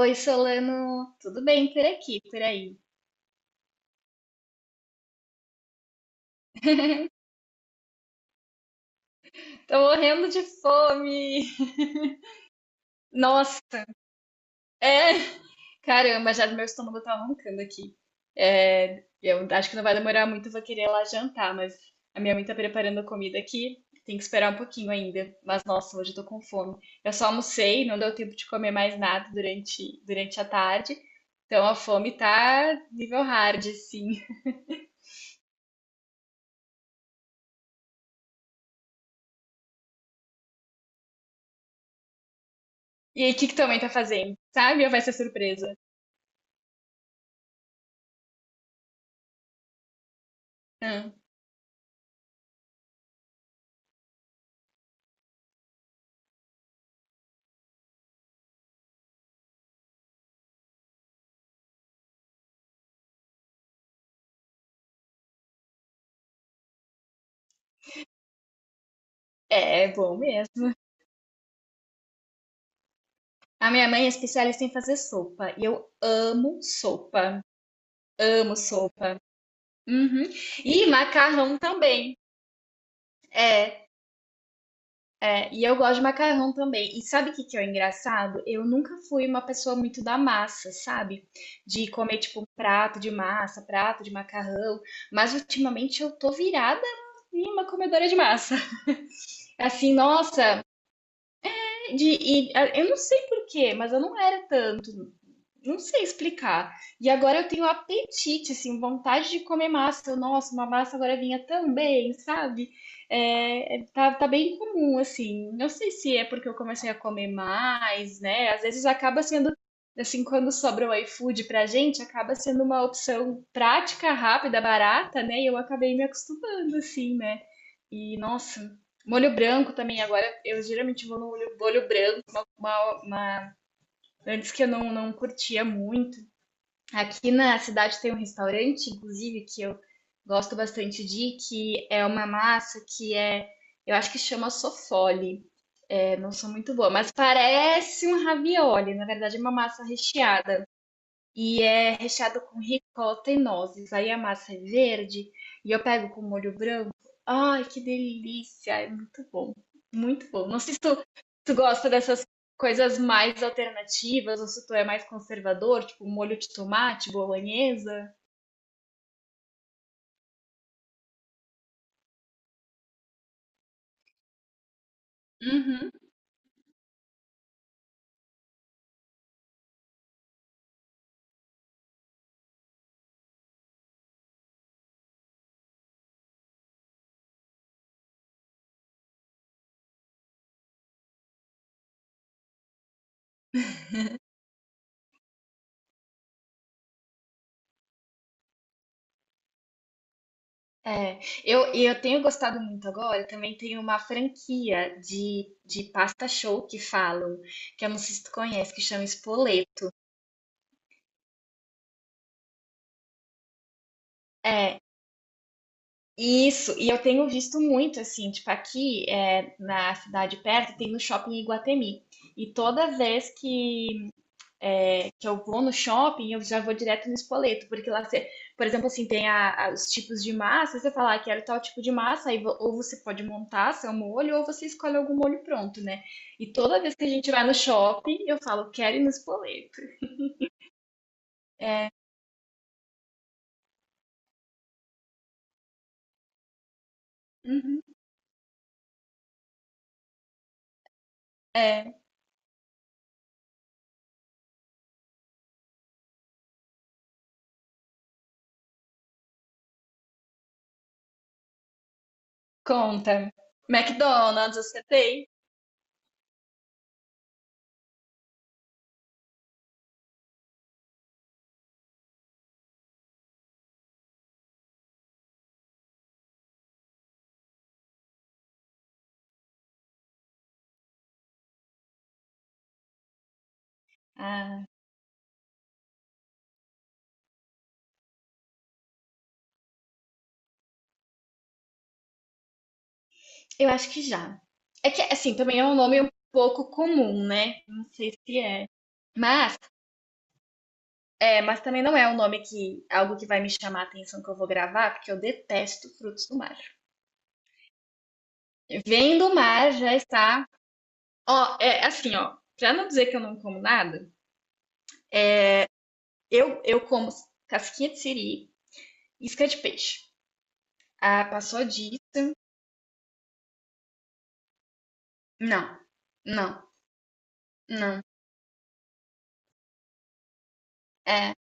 Oi, Solano, tudo bem por aqui, por aí? Tô morrendo de fome. Nossa, é. Caramba, já meu estômago tá roncando aqui. É, eu acho que não vai demorar muito, eu vou querer ir lá jantar, mas a minha mãe tá preparando a comida aqui. Tem que esperar um pouquinho ainda. Mas nossa, hoje eu tô com fome. Eu só almocei, não deu tempo de comer mais nada durante a tarde. Então a fome tá nível hard, sim. E aí, o que que tua mãe tá fazendo? Sabe? Ou vai ser surpresa? Hum, é bom mesmo. A minha mãe é especialista em fazer sopa e eu amo sopa. Amo sopa. Uhum. E macarrão também. É, e eu gosto de macarrão também. E sabe o que que é o engraçado? Eu nunca fui uma pessoa muito da massa, sabe? De comer tipo um prato de massa, prato de macarrão, mas ultimamente eu tô virada em uma comedora de massa. Assim, nossa, de, ah, eu não sei por quê, mas eu não era tanto. Não sei explicar. E agora eu tenho apetite, assim, vontade de comer massa. Eu, nossa, uma massa agora vinha também, sabe? Tá bem comum, assim. Não sei se é porque eu comecei a comer mais, né? Às vezes acaba sendo, assim, quando sobra o iFood pra gente, acaba sendo uma opção prática, rápida, barata, né? E eu acabei me acostumando, assim, né? E, nossa, molho branco também. Agora eu geralmente vou no molho branco, uma antes que eu não curtia muito. Aqui na cidade tem um restaurante, inclusive, que eu gosto bastante de ir, que é uma massa eu acho que chama sofole. É, não sou muito boa, mas parece um ravioli. Na verdade, é uma massa recheada. E é recheado com ricota e nozes. Aí a massa é verde e eu pego com molho branco. Ai, que delícia! É muito bom. Muito bom. Não sei se tu, tu gosta dessas coisas mais alternativas ou se tu é mais conservador, tipo molho de tomate, bolonhesa. Uhum. É, e eu tenho gostado muito agora, também tem uma franquia de pasta show que falam, que eu não sei se tu conhece, que chama Spoleto. É, isso, e eu tenho visto muito, assim, tipo, aqui é, na cidade perto tem um shopping em Iguatemi. E toda vez que eu vou no shopping, eu já vou direto no espoleto, porque lá você, por exemplo, assim, tem os tipos de massa, você fala, ah, quero tal tipo de massa, aí ou você pode montar seu molho, ou você escolhe algum molho pronto, né? E toda vez que a gente vai no shopping, eu falo, quero ir no espoleto. É, uhum, é, conta. McDonald's, você tem? Ah. Eu acho que já. É que, assim, também é um nome um pouco comum, né? Não sei se é. Mas, é, mas também não é um nome que, algo que vai me chamar a atenção que eu vou gravar, porque eu detesto frutos do mar. Vem do mar já está. Ó, é assim, ó. Pra não dizer que eu não como nada, eu como casquinha de siri, isca de peixe. Ah, passou disso. Não, não, não. É,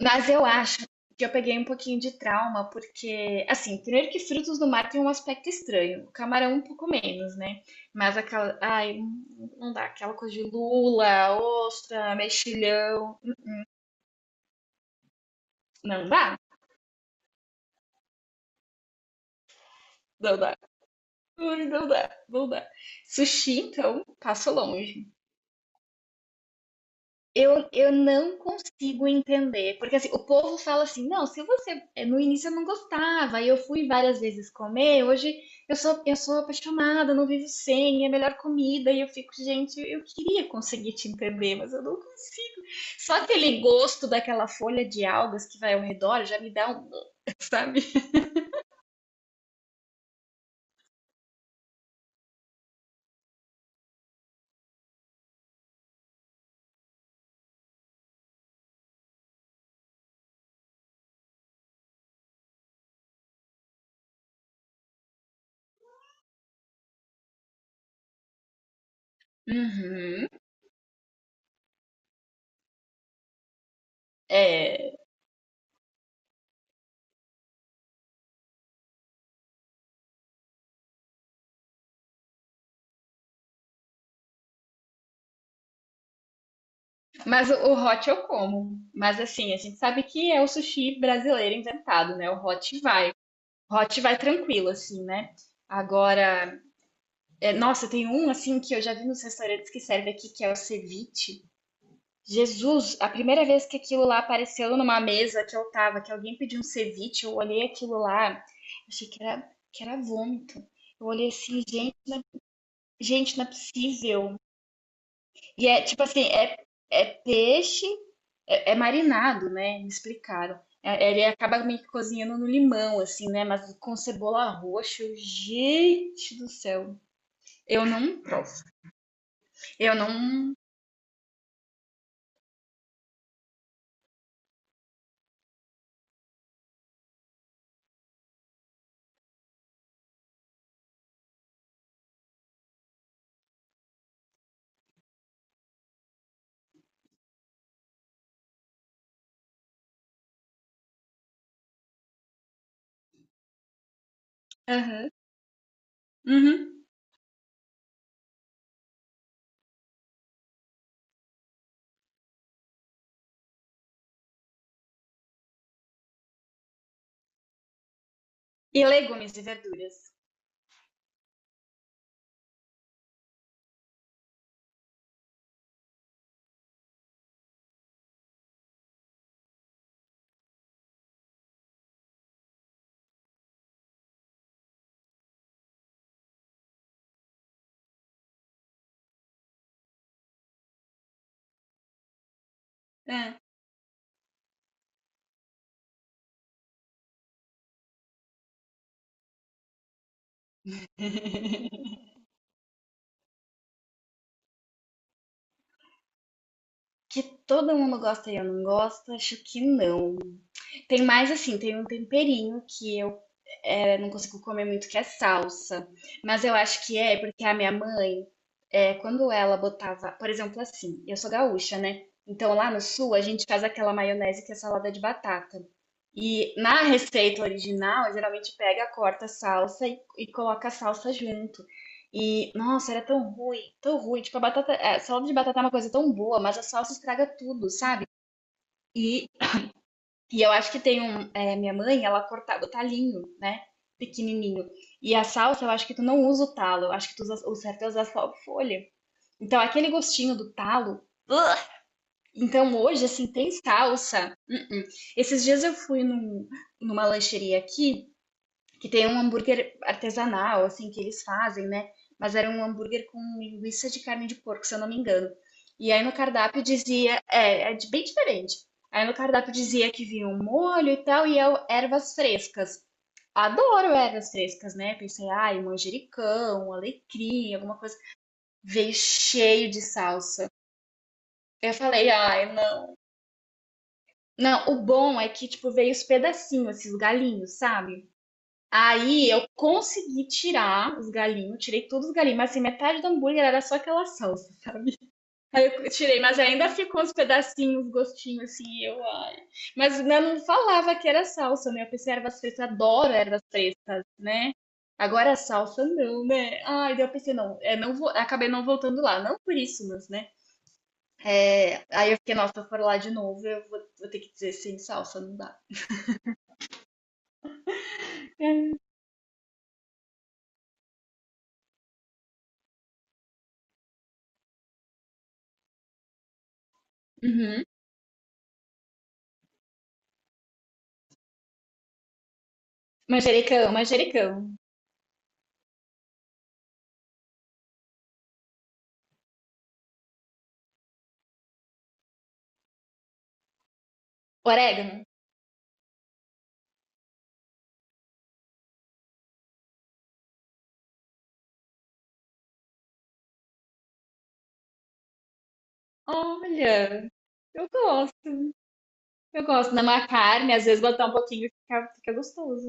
mas eu acho que eu peguei um pouquinho de trauma, porque, assim, primeiro que frutos do mar tem um aspecto estranho, o camarão um pouco menos, né? Mas aquela, ai, não dá, aquela coisa de lula, ostra, mexilhão, não dá, não dá, ai, não dá, não dá. Sushi, então, passo longe. Eu não consigo entender, porque assim, o povo fala assim, não, se você, é, no início eu não gostava, aí eu fui várias vezes comer, hoje eu sou apaixonada, não vivo sem, é a melhor comida, e eu fico, gente, eu queria conseguir te entender, mas eu não consigo. Só aquele gosto daquela folha de algas que vai ao redor já me dá um, sabe? Uhum. É, mas o hot eu como, mas assim, a gente sabe que é o sushi brasileiro inventado, né? O hot vai. Hot vai tranquilo, assim, né? Agora, é, nossa, tem um assim que eu já vi nos restaurantes que serve aqui, que é o ceviche. Jesus, a primeira vez que aquilo lá apareceu numa mesa que eu tava, que alguém pediu um ceviche, eu olhei aquilo lá, achei que era vômito. Eu olhei assim, gente, gente, não é possível. E é tipo assim, é, é peixe, é, é marinado, né? Me explicaram. É, ele acaba meio que cozinhando no limão, assim, né? Mas com cebola roxa, eu, gente do céu. Eu não posso. Eu não. Aham. Uhum. E legumes e verduras. É. Que todo mundo gosta e eu não gosto, acho que não. Tem mais assim, tem um temperinho que eu é, não consigo comer muito que é salsa. Mas eu acho que é porque a minha mãe, é, quando ela botava, por exemplo, assim, eu sou gaúcha, né? Então lá no sul a gente faz aquela maionese que é salada de batata. E na receita original, geralmente pega, corta a salsa e coloca a salsa junto. E, nossa, era tão ruim, tão ruim. Tipo, a batata, a salada de batata é uma coisa tão boa, mas a salsa estraga tudo, sabe? E eu acho que tem um. É, minha mãe, ela cortava o talinho, né? Pequenininho. E a salsa, eu acho que tu não usa o talo. Eu acho que tu usa, o certo é usar só a folha. Então, aquele gostinho do talo. Ugh! Então, hoje, assim, tem salsa. Hum, hum. Esses dias eu fui numa lancheria aqui que tem um hambúrguer artesanal, assim, que eles fazem, né? Mas era um hambúrguer com linguiça de carne de porco, se eu não me engano. E aí no cardápio dizia, é, bem diferente. Aí no cardápio dizia que vinha um molho e tal, e eu, ervas frescas. Adoro ervas frescas, né? Pensei, ai, manjericão, alecrim, alguma coisa. Veio cheio de salsa. Eu falei, ai, não. Não, o bom é que, tipo, veio os pedacinhos, esses galinhos, sabe? Aí eu consegui tirar os galinhos, tirei todos os galinhos, mas assim, metade do hambúrguer era só aquela salsa. Aí eu tirei, mas ainda ficou uns pedacinhos, uns gostinhos assim, e eu, ai. Mas eu não falava que era salsa, né? Eu pensei, ervas frescas, eu adoro ervas frescas, né? Agora a salsa não, né? Ai, daí eu pensei, não, é, não vou, acabei não voltando lá, não por isso, mas, né? É, aí eu fiquei, nossa, se eu for lá de novo, eu vou, vou ter que dizer sem salsa, não dá. É. Uhum. Manjericão, manjericão. Orégano. Olha. Eu gosto, eu gosto. Na uma carne, às vezes botar um pouquinho fica, fica gostoso.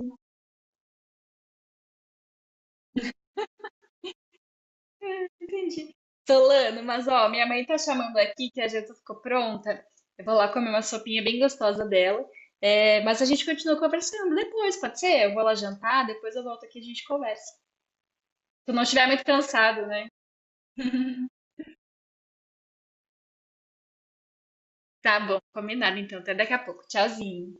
Entendi. Solano, mas ó, minha mãe tá chamando aqui que a janta ficou pronta. Eu vou lá comer uma sopinha bem gostosa dela. É, mas a gente continua conversando depois, pode ser? Eu vou lá jantar, depois eu volto aqui e a gente conversa. Se tu não estiver muito cansado, né? Tá bom, combinado então. Até daqui a pouco. Tchauzinho.